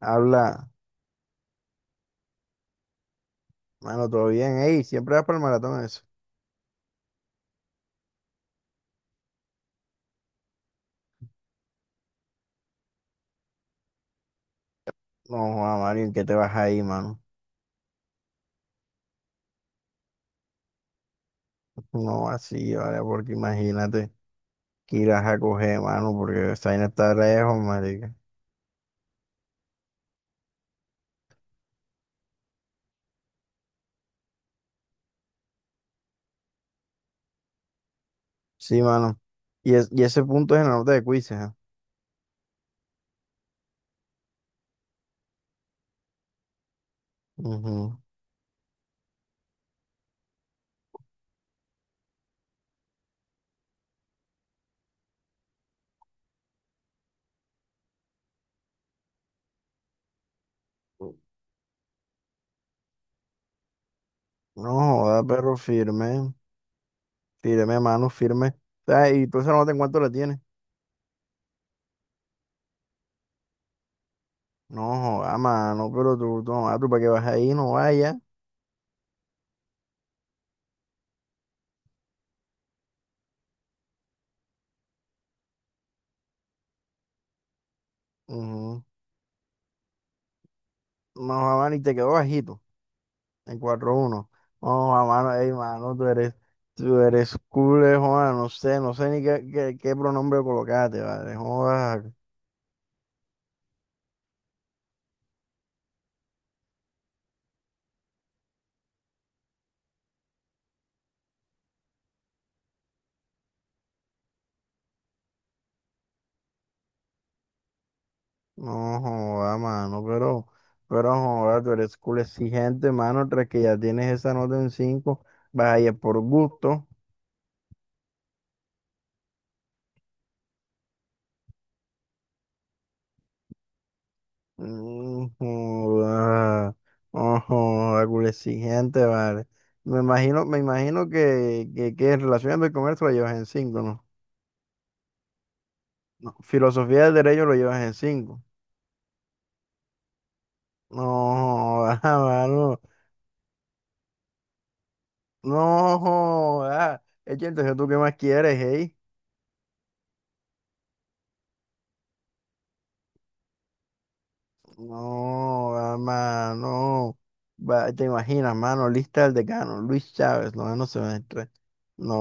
Habla, mano, todo bien, ey, siempre vas para el maratón eso. No, Juan Mario, ¿en qué te vas ahí, mano? No, así, vale, porque imagínate que irás a coger, mano, porque esa vaina está lejos, marica. Sí, mano. Y ese punto es en la nota de quizzes, ¿eh? Ujú. No joda, perro, firme, firme, mano, firme. O y tú esa nota en cuánto la tienes. No joda, mano, pero tú, no, tú para que vas ahí, no vaya. Ujú. No joda, mano, y te quedó bajito. En cuatro uno. No, a mano, ey, mano, tú eres cool, joda, no sé ni qué pronombre colocaste, ¿vale? Joda, no, joda, mano, pero, no joda, tú eres cool, exigente, mano, tras que ya tienes esa nota en cinco, vas a ir por gusto. Mm, joda, no, joda, cool, exigente, ¿vale? Me imagino que en relaciones del comercio lo llevas en cinco, ¿no? No, Filosofía del derecho lo llevas en cinco. No, joda, mano. No, joda. Es entonces tú qué más quieres, hey. No, joda, mano. Va, te imaginas, mano, lista del decano, Luis Chávez, noveno semestre. No,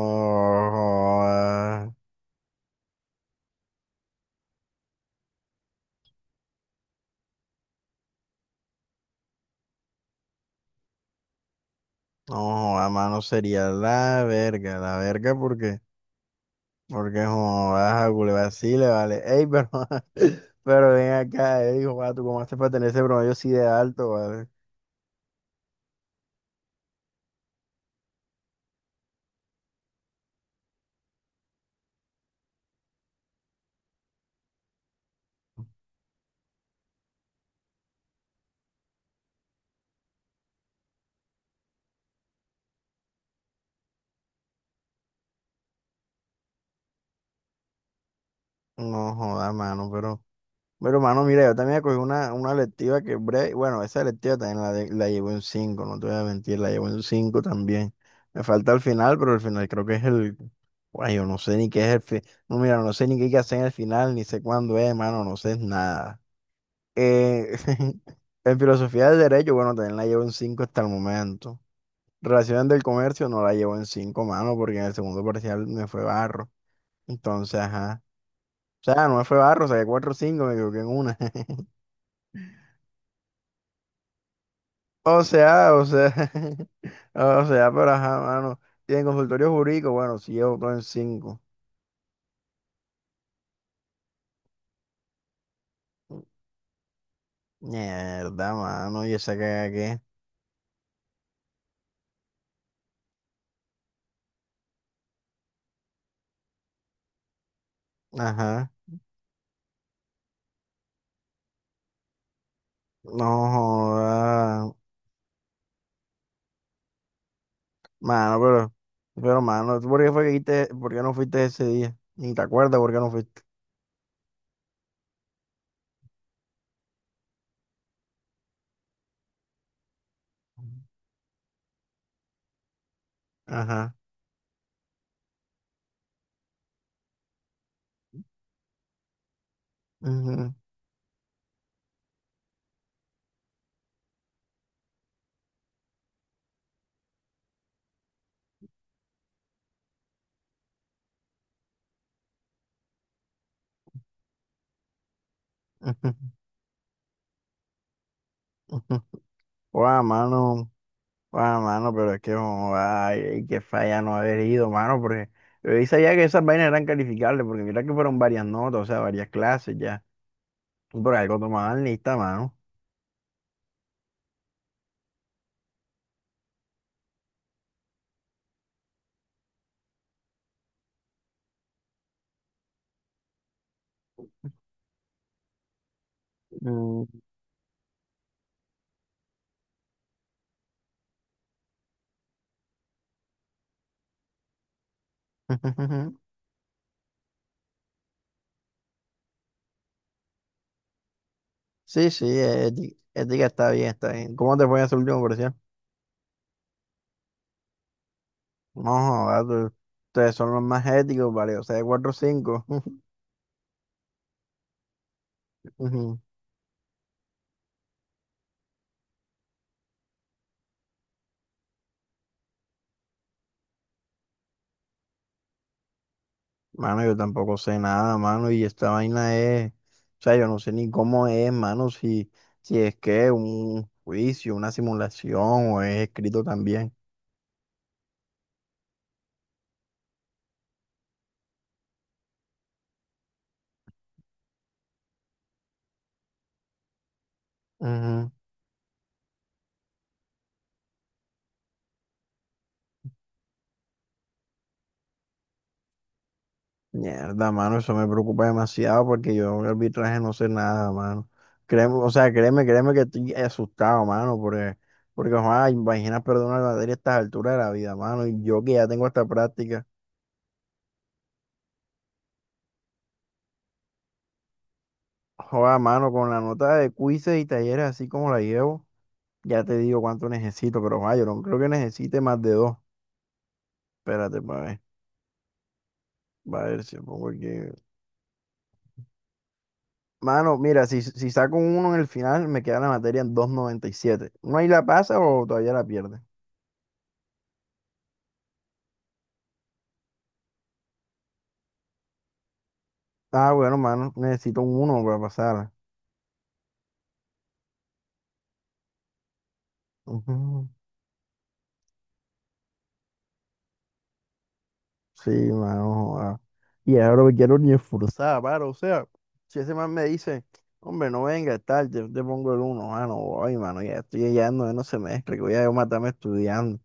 joda. No, joda, mano, sería la verga porque joda, a Culebra sí le vale. Ey, pero, pero ven acá, ey, joda, tú cómo haces para tener ese promedio así de alto, vale. No, joda, mano, pero. Pero, hermano, mira, yo también cogí una electiva que breve, bueno, esa electiva también la llevo en cinco, no te voy a mentir, la llevo en 5 también. Me falta el final, pero el final creo que es el, guay, yo no sé ni qué es el final, no, mira, no sé ni qué hay que hacer en el final, ni sé cuándo es, hermano, no sé nada. Eh, en filosofía del derecho, bueno, también la llevo en 5 hasta el momento. Relaciones del comercio no la llevo en cinco, mano, porque en el segundo parcial me fue barro. Entonces, ajá. O sea, no me fue barro, saqué 4 o 5, me equivoqué en una. O sea, o sea, pero ajá, mano. Tiene consultorio jurídico, bueno, si llevo todo en cinco. Mierda, mano, y esa caga qué. Ajá. No joda. Mano, pero, mano, ¿tú por qué fue que fuiste, por qué no fuiste ese día? Ni te acuerdas por qué no fuiste. Ajá. Ujú, ujú, ujú. Guau, mano. Ah, mano, pero es que, oh, ay, qué falla no haber ido, mano, porque yo sabía que esas vainas eran calificables, porque mira que fueron varias notas, o sea, varias clases ya. Por algo tomaban lista, mano. Mm, Sí, sí, ética, ética está bien, está bien. ¿Cómo te fue en esa último versión? No, joda, ustedes son los más éticos, vale, o sea, 4 cinco. Mano, yo tampoco sé nada, mano, y esta vaina es, o sea, yo no sé ni cómo es, mano, si es que un juicio, una simulación o es escrito también. Ujú. Mierda, mano, eso me preocupa demasiado porque yo de arbitraje no sé nada, mano. Créeme, o sea, créeme que estoy asustado, mano, porque, joder, imagina perder una materia a estas alturas de la vida, mano, y yo que ya tengo esta práctica. Joder, mano, con la nota de quizzes y talleres así como la llevo. Ya te digo cuánto necesito, pero yo no creo que necesite más de dos. Espérate, para ver. Va a ver si pongo aquí. Mano, mira, si saco un uno en el final, me queda la materia en dos coma noventa y siete. ¿No ahí la pasa o todavía la pierde? Ah, bueno, mano, necesito un uno para pasarla. Ujú. Sí, mano. Joda. Y ahora me quiero ni esforzar, para, o sea, si ese man me dice, hombre, no venga, tal, yo te pongo el uno, mano, ay, mano, ya estoy ya no, no se mezcla, que voy a yo matarme estudiando.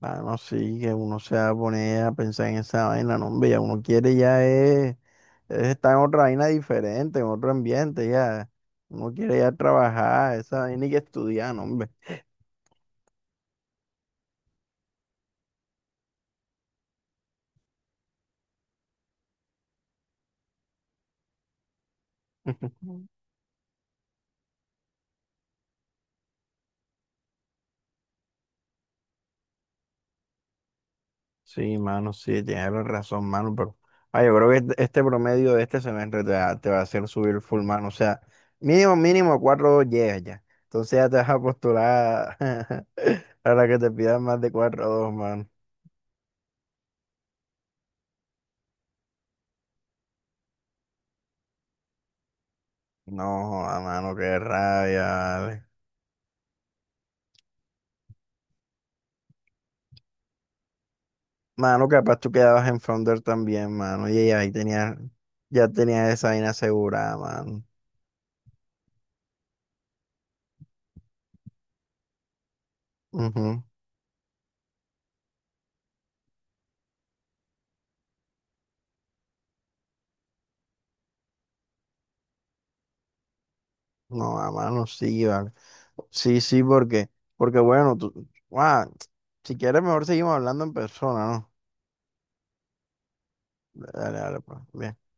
Mano sí, que uno se va a poner a pensar en esa vaina, no, hombre, ya uno quiere ya es, estar en otra vaina diferente, en otro ambiente, ya. Uno quiere ya trabajar, esa vaina y que estudiar, no, hombre. Sí, mano, sí, tienes la razón, mano, pero ay, yo creo que este promedio de este semestre te va a hacer subir full, mano, o sea, mínimo, mínimo cuatro llegas ya. Entonces ya te vas a postular para que te pidan más de cuatro o dos, mano. No, a mano, qué rabia, vale. Mano, capaz tú quedabas en Founder también, mano. Y ahí tenía, ya tenía esa vaina asegurada, mano. Ujú. No, a mano sí, vale. Sí, sí, porque, bueno, tú, guau, si quieres mejor seguimos hablando en persona, ¿no? Dale, dale, pues. Bien.